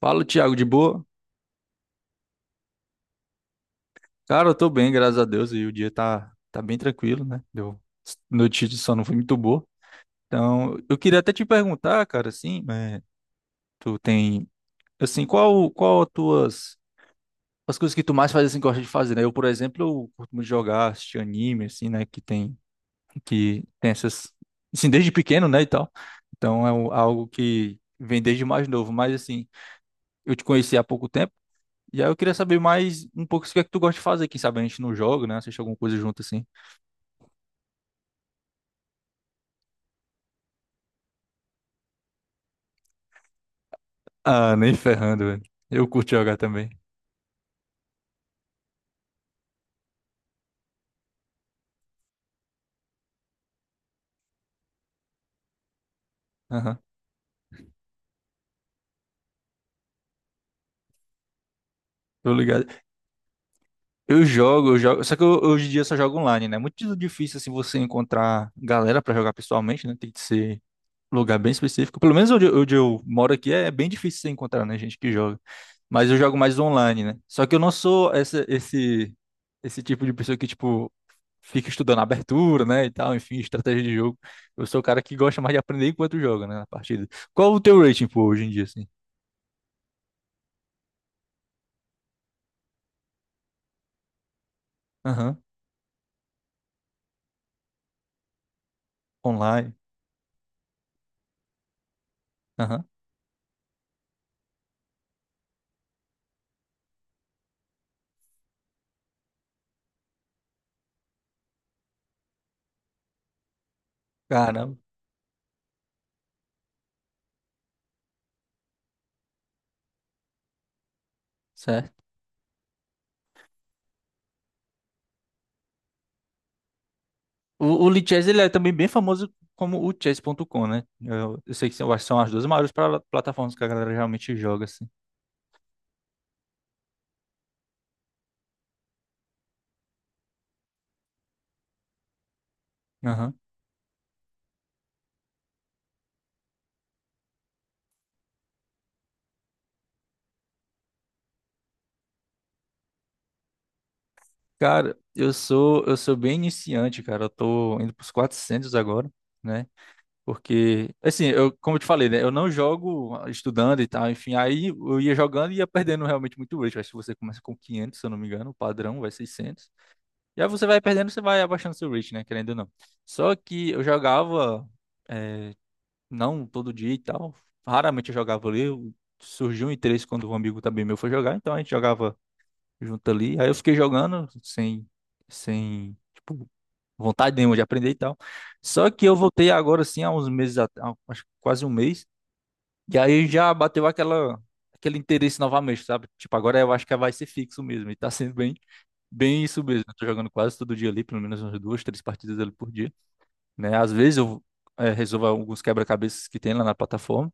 Fala, Thiago, de boa? Cara, eu tô bem, graças a Deus, e o dia tá bem tranquilo, né? Deu notícia de sono foi muito boa. Então, eu queria até te perguntar, cara, assim, né, tu tem, assim, qual as tuas, as coisas que tu mais faz, assim, gosta de fazer, né? Eu, por exemplo, eu curto muito jogar, assistir anime, assim, né, que tem essas, assim, desde pequeno, né, e tal. Então, algo que vem desde mais novo, mas, assim, eu te conheci há pouco tempo. E aí eu queria saber mais um pouco o que é que tu gosta de fazer. Quem sabe a gente não joga, né? Assiste alguma coisa junto assim. Ah, nem ferrando, velho. Eu curto jogar também. Aham. Tô ligado. Eu jogo. Só que hoje em dia eu só jogo online, né? É muito difícil assim você encontrar galera pra jogar pessoalmente, né? Tem que ser lugar bem específico. Pelo menos onde eu moro aqui é bem difícil você encontrar, né? Gente que joga. Mas eu jogo mais online, né? Só que eu não sou esse tipo de pessoa que, tipo, fica estudando a abertura, né, e tal, enfim, estratégia de jogo. Eu sou o cara que gosta mais de aprender enquanto joga, né, na partida. Qual o teu rating, pô, hoje em dia, assim? Aham, online, aham, caramba, certo. O Lee Chess, ele é também bem famoso como o chess.com, né? Eu sei que são, eu acho que são as duas maiores plataformas que a galera realmente joga, assim. Aham. Cara, eu sou bem iniciante, cara, eu tô indo pros 400 agora, né, porque, assim, eu, como eu te falei, né? Eu não jogo estudando e tal, enfim. Aí eu ia jogando e ia perdendo realmente muito rate. Acho que você começa com 500 se eu não me engano, o padrão vai 600. E aí você vai perdendo, você vai abaixando seu rate, né? Querendo ou não. Só que eu jogava, eh, não todo dia e tal. Raramente eu jogava ali. Surgiu um interesse quando um amigo também meu foi jogar, então a gente jogava junto ali. Aí eu fiquei jogando sem, tipo, vontade nenhuma de aprender e tal. Só que eu voltei agora, assim, há uns meses, acho que quase um mês, e aí já bateu aquele interesse novamente, sabe? Tipo, agora eu acho que vai ser fixo mesmo, e tá sendo bem isso mesmo. Eu tô jogando quase todo dia ali, pelo menos umas duas, três partidas ali por dia, né? Às vezes eu resolvo alguns quebra-cabeças que tem lá na plataforma,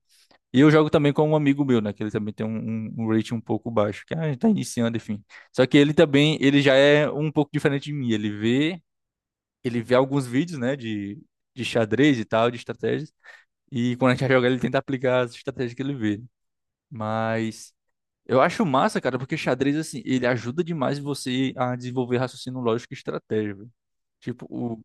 e eu jogo também com um amigo meu, né? Que ele também tem um rating um pouco baixo, que a gente tá iniciando, enfim. Só que ele também, ele já é um pouco diferente de mim. Ele vê alguns vídeos, né, de xadrez e tal, de estratégias, e quando a gente vai jogar, ele tenta aplicar as estratégias que ele vê. Mas eu acho massa, cara, porque xadrez, assim, ele ajuda demais você a desenvolver raciocínio lógico e estratégia, velho. Tipo, o.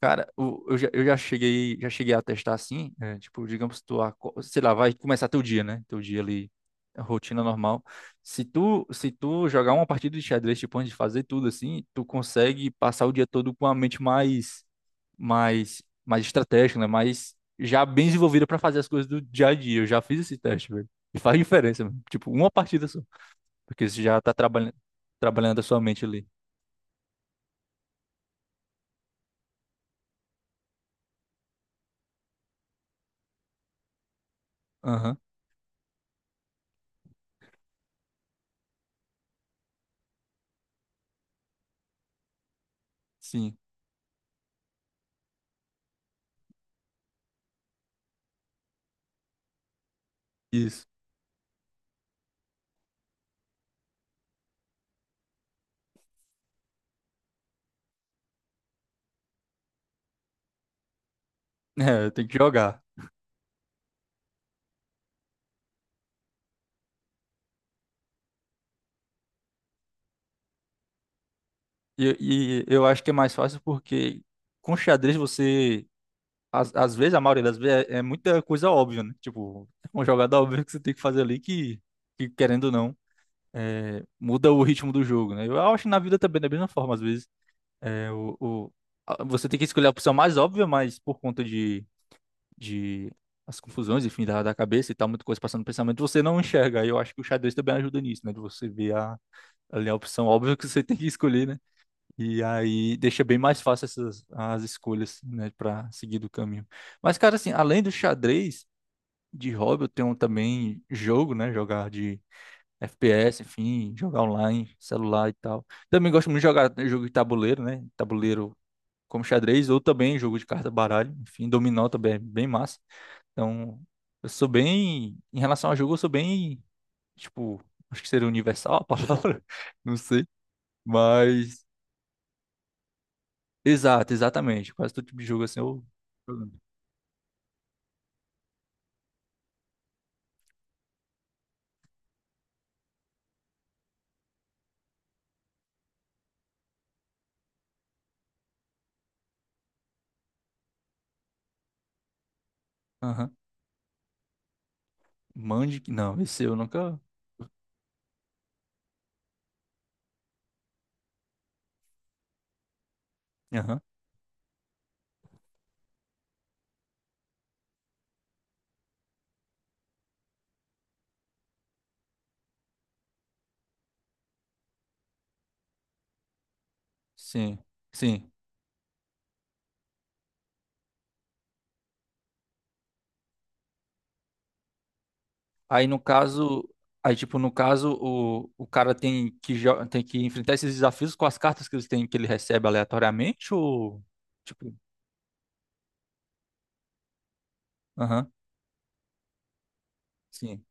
Cara, eu já cheguei a testar assim, é, tipo, digamos, tu, sei lá, vai começar teu dia, né? Teu dia ali, a rotina normal. Se tu jogar uma partida de xadrez, tipo, antes de fazer tudo assim, tu consegue passar o dia todo com a mente mais estratégico, né? Mais já bem desenvolvida para fazer as coisas do dia a dia. Eu já fiz esse teste, velho. E faz diferença, mano. Tipo, uma partida só. Porque você já tá trabalhando a sua mente ali. Aham, sim. Isso. É, tem que jogar. E eu acho que é mais fácil porque com xadrez você. Às vezes, a maioria das vezes, é muita coisa óbvia, né? Tipo, é uma jogada óbvia que você tem que fazer ali que querendo ou não, muda o ritmo do jogo, né? Eu acho que na vida também, da mesma forma, às vezes. É, o, o- Você tem que escolher a opção mais óbvia, mas por conta de as confusões, enfim, da cabeça e tal, muita coisa passando no pensamento, você não enxerga. E eu acho que o xadrez também ajuda nisso, né? De você ali a opção óbvia que você tem que escolher, né? E aí deixa bem mais fácil essas as escolhas, né, para seguir do caminho. Mas, cara, assim, além do xadrez de hobby, eu tenho também jogo, né? Jogar de FPS, enfim, jogar online, celular e tal. Também gosto muito de jogar jogo de tabuleiro, né? Tabuleiro como xadrez, ou também jogo de carta, baralho, enfim, dominó também é bem massa. Então, eu sou bem, em relação a jogo, eu sou bem, tipo, acho que seria universal a palavra, não sei, mas, exatamente, quase todo tipo de jogo assim, eu... Aham, Mandic, não, esse eu nunca... Aham, sim, sim. Aí, no caso... Aí, tipo, no caso, o cara tem tem que enfrentar esses desafios com as cartas que ele tem, que ele recebe aleatoriamente, ou... Tipo, aham, sim.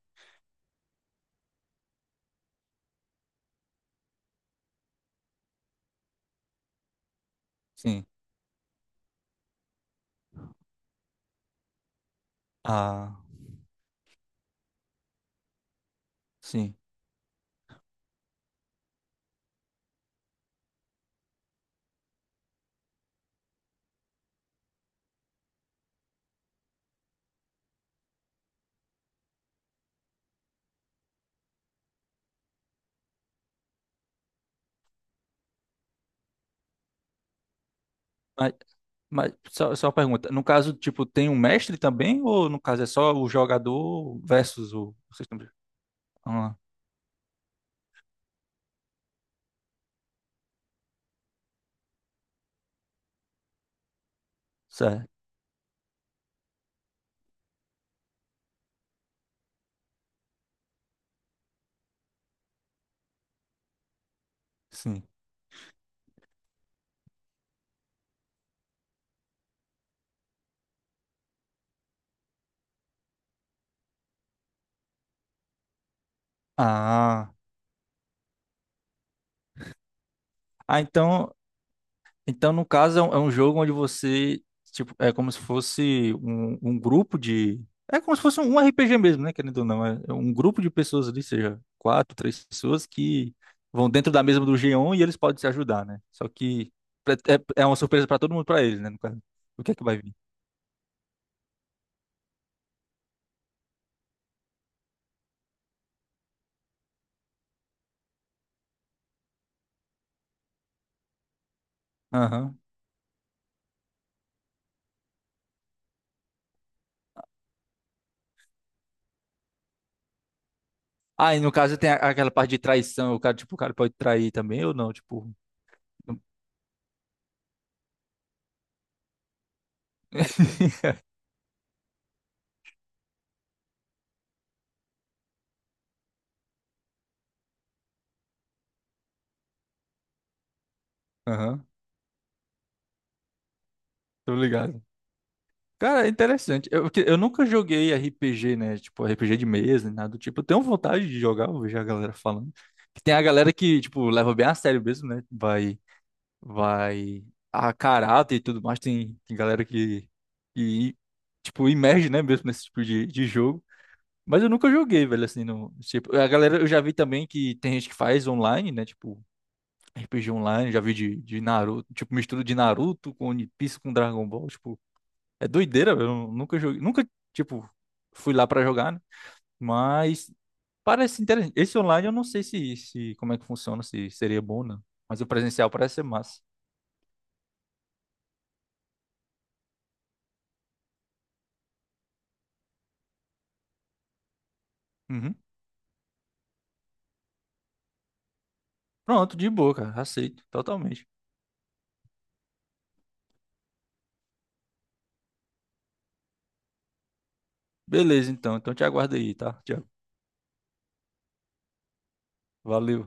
Sim. Ah, sim. Mas, mas só uma pergunta. No caso, tipo, tem um mestre também? Ou no caso é só o jogador versus o. Ah, certo. Sim. Ah. Ah, então. Então, no caso, é um jogo onde você, tipo, é como se fosse um grupo de. É como se fosse um RPG mesmo, né? Querendo ou não. É um grupo de pessoas ali, seja quatro, três pessoas, que vão dentro da mesa do G1 e eles podem se ajudar, né? Só que é uma surpresa pra todo mundo, pra eles, né? No caso. O que é que vai vir? Aham. Ah, e no caso tem aquela parte de traição, o cara, tipo, o cara pode trair também ou não, tipo. Não- Aham, tô ligado. Cara, é interessante. Eu nunca joguei RPG, né? Tipo, RPG de mesa, nada do tipo. Eu tenho vontade de jogar, eu vejo a galera falando. Que tem a galera que, tipo, leva bem a sério mesmo, né? Vai a caráter e tudo mais. Tem galera que, tipo, imerge, né? Mesmo nesse tipo de jogo. Mas eu nunca joguei, velho, assim, no, tipo, a galera, eu já vi também que tem gente que faz online, né? Tipo, RPG online, já vi de Naruto, tipo, mistura de Naruto com One Piece com Dragon Ball, tipo, é doideira, velho. Eu nunca joguei, nunca, tipo, fui lá pra jogar, né? Mas parece interessante. Esse online eu não sei se, como é que funciona, se seria bom ou não. Mas o presencial parece ser massa. Uhum. Pronto, de boa, cara. Aceito, totalmente. Beleza, então. Então te aguardo aí, tá, Tiago? Valeu.